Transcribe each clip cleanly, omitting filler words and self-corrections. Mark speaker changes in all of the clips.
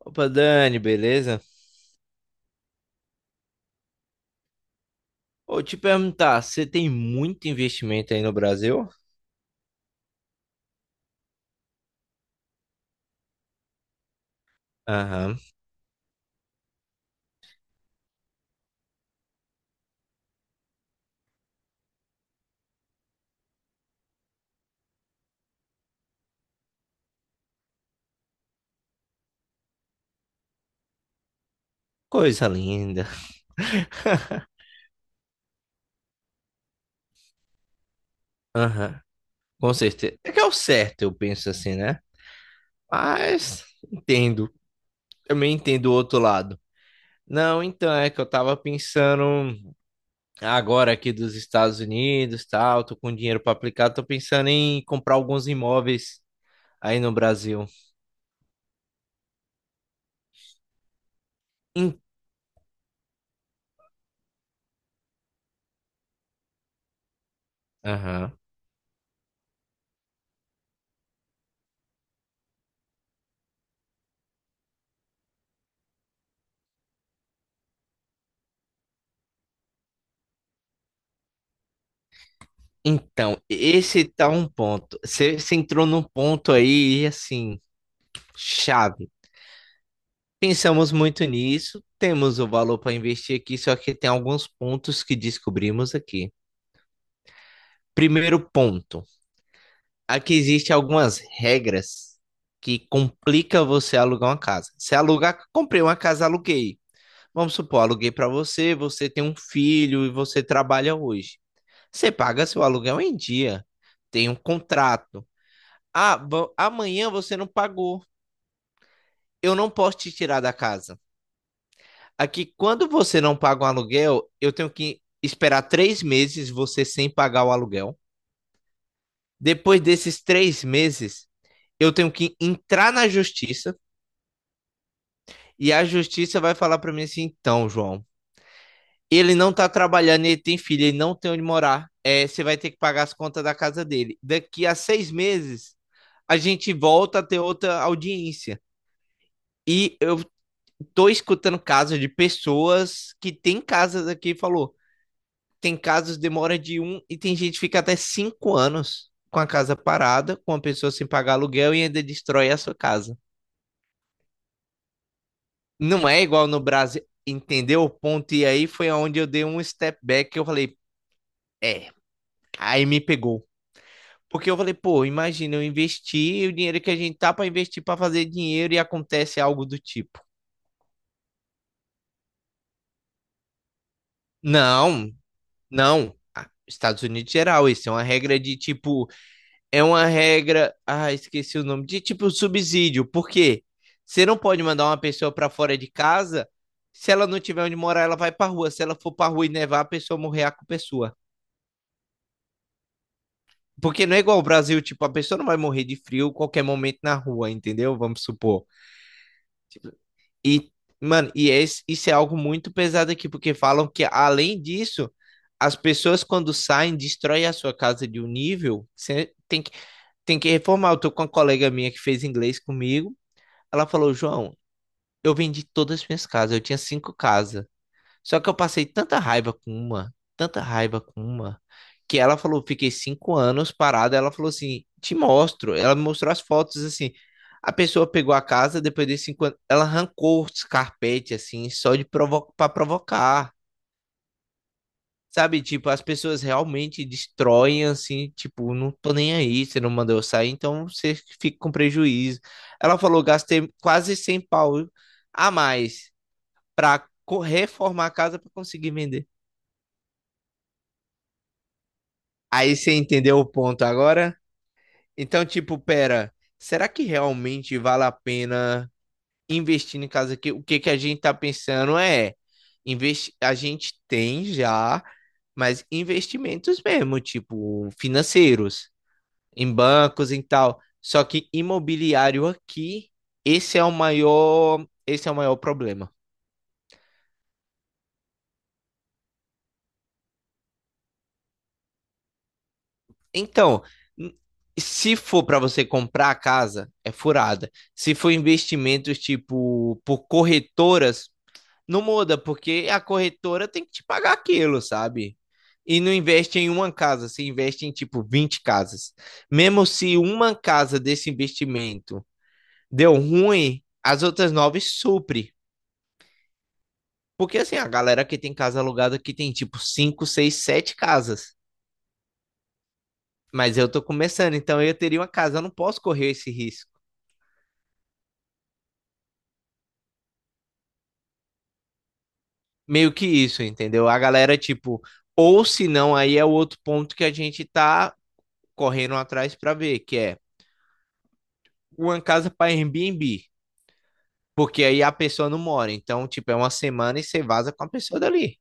Speaker 1: Opa, Dani, beleza? Vou te perguntar, você tem muito investimento aí no Brasil? Aham. Coisa linda. Aham. Com certeza. É que é o certo, eu penso assim, né? Mas entendo. Também entendo o outro lado. Não, então é que eu tava pensando agora aqui dos Estados Unidos, tal, tô com dinheiro para aplicar, tô pensando em comprar alguns imóveis aí no Brasil. Em- Aham. Então, esse tá um ponto. Você entrou num ponto aí, assim, Chave. Pensamos muito nisso, temos o valor para investir aqui, só que tem alguns pontos que descobrimos aqui. Primeiro ponto, aqui existem algumas regras que complicam você alugar uma casa. Se alugar, comprei uma casa, aluguei. Vamos supor, aluguei para você, você tem um filho e você trabalha hoje. Você paga seu aluguel em dia, tem um contrato. Ah, amanhã você não pagou. Eu não posso te tirar da casa. Aqui, quando você não paga um aluguel, eu tenho que esperar 3 meses você sem pagar o aluguel. Depois desses 3 meses, eu tenho que entrar na justiça e a justiça vai falar para mim assim: então, João, ele não tá trabalhando, ele tem filho, ele não tem onde morar, é, você vai ter que pagar as contas da casa dele. Daqui a 6 meses, a gente volta a ter outra audiência. E eu tô escutando casos de pessoas que têm casas aqui e falou: tem casos que demora de um e tem gente que fica até 5 anos com a casa parada, com a pessoa sem pagar aluguel e ainda destrói a sua casa. Não é igual no Brasil, entendeu o ponto? E aí foi onde eu dei um step back que eu falei, é, aí me pegou. Porque eu falei, pô, imagina eu investir o dinheiro que a gente tá para investir para fazer dinheiro e acontece algo do tipo. Não, não. Ah, Estados Unidos geral, isso é uma regra de tipo é uma regra. Ah, esqueci o nome. De tipo subsídio. Por quê? Você não pode mandar uma pessoa para fora de casa. Se ela não tiver onde morar, ela vai pra rua. Se ela for pra rua e nevar, a pessoa morrer a pessoa. Porque não é igual ao Brasil, tipo, a pessoa não vai morrer de frio qualquer momento na rua, entendeu? Vamos supor. Tipo, e, mano, e isso é algo muito pesado aqui, porque falam que, além disso, as pessoas quando saem, destroem a sua casa de um nível. Você tem que reformar. Eu tô com uma colega minha que fez inglês comigo. Ela falou, João, eu vendi todas as minhas casas, eu tinha cinco casas. Só que eu passei tanta raiva com uma, tanta raiva com uma, que ela falou, fiquei 5 anos parada. Ela falou assim, te mostro. Ela me mostrou as fotos assim. A pessoa pegou a casa, depois de 5 anos, ela arrancou os carpetes assim, só de provocar. Sabe, tipo, as pessoas realmente destroem, assim, tipo, não tô nem aí, você não mandou eu sair, então você fica com prejuízo. Ela falou, gastei quase 100 pau a mais pra reformar a casa pra conseguir vender. Aí você entendeu o ponto agora? Então, tipo, pera, será que realmente vale a pena investir em casa aqui? O que que a gente tá pensando é, investi a gente tem já, mas investimentos mesmo, tipo, financeiros. Em bancos e tal. Só que imobiliário aqui, esse é o maior, esse é o maior problema. Então, n- se for para você comprar a casa, é furada. Se for investimentos tipo por corretoras, não muda, porque a corretora tem que te pagar aquilo, sabe? E não investe em uma casa, você investe em tipo 20 casas. Mesmo se uma casa desse investimento deu ruim, as outras nove supre. Porque assim, a galera que tem casa alugada aqui tem tipo 5 6 7 casas. Mas eu tô começando, então eu teria uma casa, eu não posso correr esse risco. Meio que isso, entendeu? A galera, tipo, ou se não, aí é o outro ponto que a gente tá correndo atrás pra ver, que é uma casa pra Airbnb. Porque aí a pessoa não mora. Então, tipo, é uma semana e você vaza com a pessoa dali.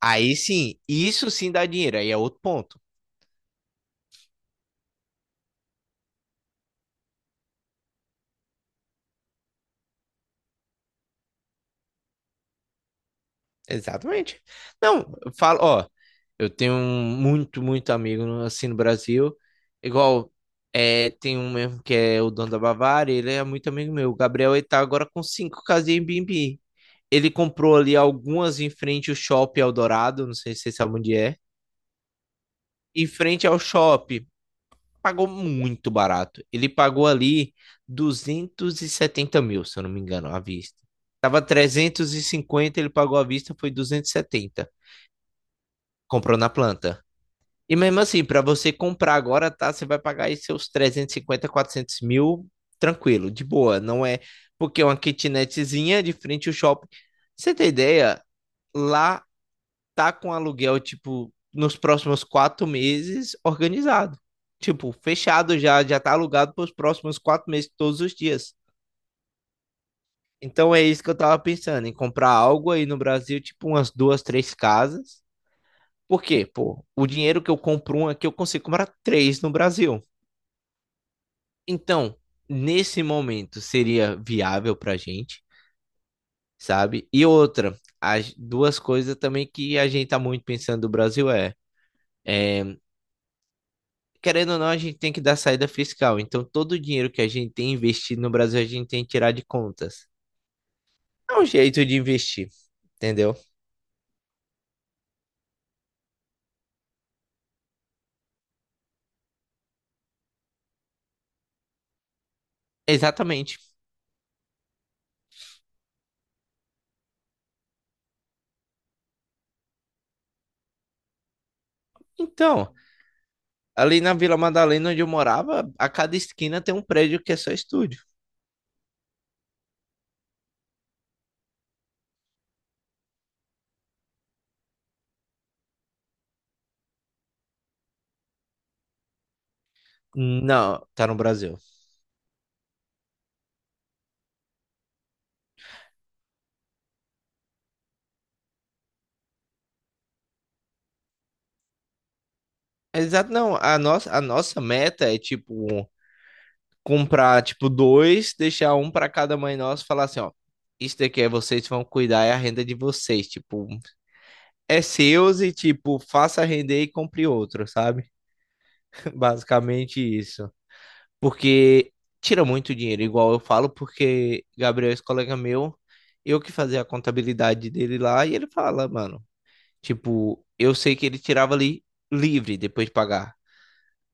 Speaker 1: Aí sim, isso sim dá dinheiro. Aí é outro ponto. Exatamente. Não, eu falo, ó, eu tenho um muito, muito amigo assim no Brasil. Igual, é, tem um mesmo que é o dono da Bavária, ele é muito amigo meu. O Gabriel, ele tá agora com cinco casas em Airbnb. Ele comprou ali algumas em frente ao Shopping Eldorado, não sei se vocês sabem onde é. Em frente ao shopping, pagou muito barato. Ele pagou ali 270 mil, se eu não me engano, à vista. Tava 350. Ele pagou à vista, foi 270. Comprou na planta. E mesmo assim, para você comprar agora, tá? Você vai pagar aí seus 350, 400 mil, tranquilo, de boa. Não é porque é uma kitnetzinha de frente ao shopping. Você tem ideia? Lá tá com aluguel, tipo, nos próximos 4 meses organizado. Tipo, fechado já, já tá alugado para os próximos 4 meses, todos os dias. Então é isso que eu tava pensando, em comprar algo aí no Brasil, tipo umas duas, três casas. Por quê? Pô, o dinheiro que eu compro uma aqui, eu consigo comprar três no Brasil. Então, nesse momento seria viável pra gente, sabe? E outra, as duas coisas também que a gente tá muito pensando do Brasil é, querendo ou não, a gente tem que dar saída fiscal. Então, todo o dinheiro que a gente tem investido no Brasil, a gente tem que tirar de contas. É um jeito de investir, entendeu? Exatamente. Então, ali na Vila Madalena, onde eu morava, a cada esquina tem um prédio que é só estúdio. Não, tá no Brasil. Exato, não. A nossa meta é tipo comprar, tipo, dois, deixar um para cada mãe nossa e falar assim, ó, isso daqui é vocês vão cuidar, é a renda de vocês, tipo, é seus e, tipo, faça render e compre outro, sabe? Basicamente isso. Porque tira muito dinheiro, igual eu falo, porque Gabriel, esse colega meu, eu que fazia a contabilidade dele lá, e ele fala, mano, tipo, eu sei que ele tirava ali livre depois de pagar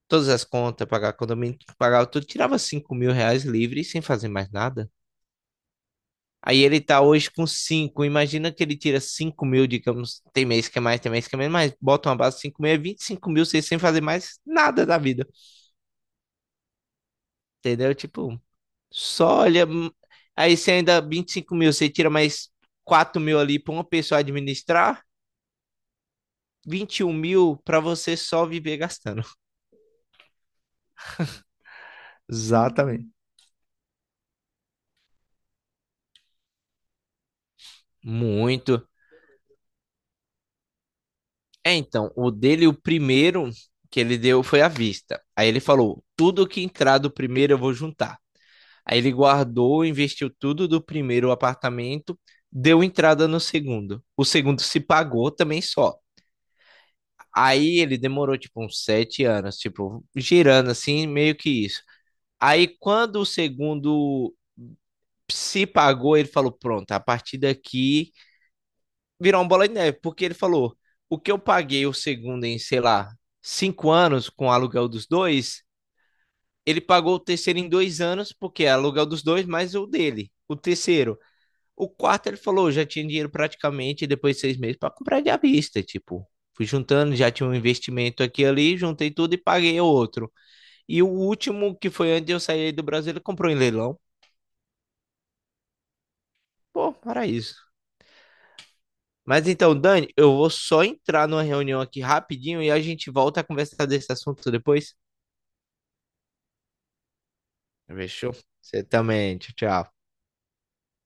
Speaker 1: todas as contas, pagar condomínio, pagar tudo, tirava 5 mil reais livre sem fazer mais nada. Aí ele tá hoje com 5. Imagina que ele tira 5 mil, digamos. Tem mês que é mais, tem mês que é menos, mas bota uma base de 5 mil, é 25 mil, sem fazer mais nada da vida. Entendeu? Tipo, só olha. Aí você ainda 25 mil, você tira mais 4 mil ali pra uma pessoa administrar, 21 mil pra você só viver gastando. Exatamente. Muito. É, então, o dele, o primeiro que ele deu foi à vista. Aí ele falou: tudo que entrar do primeiro eu vou juntar. Aí ele guardou, investiu tudo do primeiro apartamento, deu entrada no segundo. O segundo se pagou também só. Aí ele demorou tipo uns 7 anos, tipo, girando assim, meio que isso. Aí quando o segundo se pagou, ele falou: pronto, a partir daqui virou uma bola de neve, porque ele falou: o que eu paguei o segundo em, sei lá, 5 anos com o aluguel dos dois, ele pagou o terceiro em 2 anos, porque é aluguel dos dois mais o dele, o terceiro. O quarto ele falou, já tinha dinheiro praticamente depois de 6 meses para comprar de à vista, tipo. Fui juntando, já tinha um investimento aqui e ali, juntei tudo e paguei o outro. E o último, que foi antes de eu sair do Brasil, ele comprou em leilão. Pô, paraíso. Mas então, Dani, eu vou só entrar numa reunião aqui rapidinho e a gente volta a conversar desse assunto depois. Fechou? Você também. Tchau, tchau.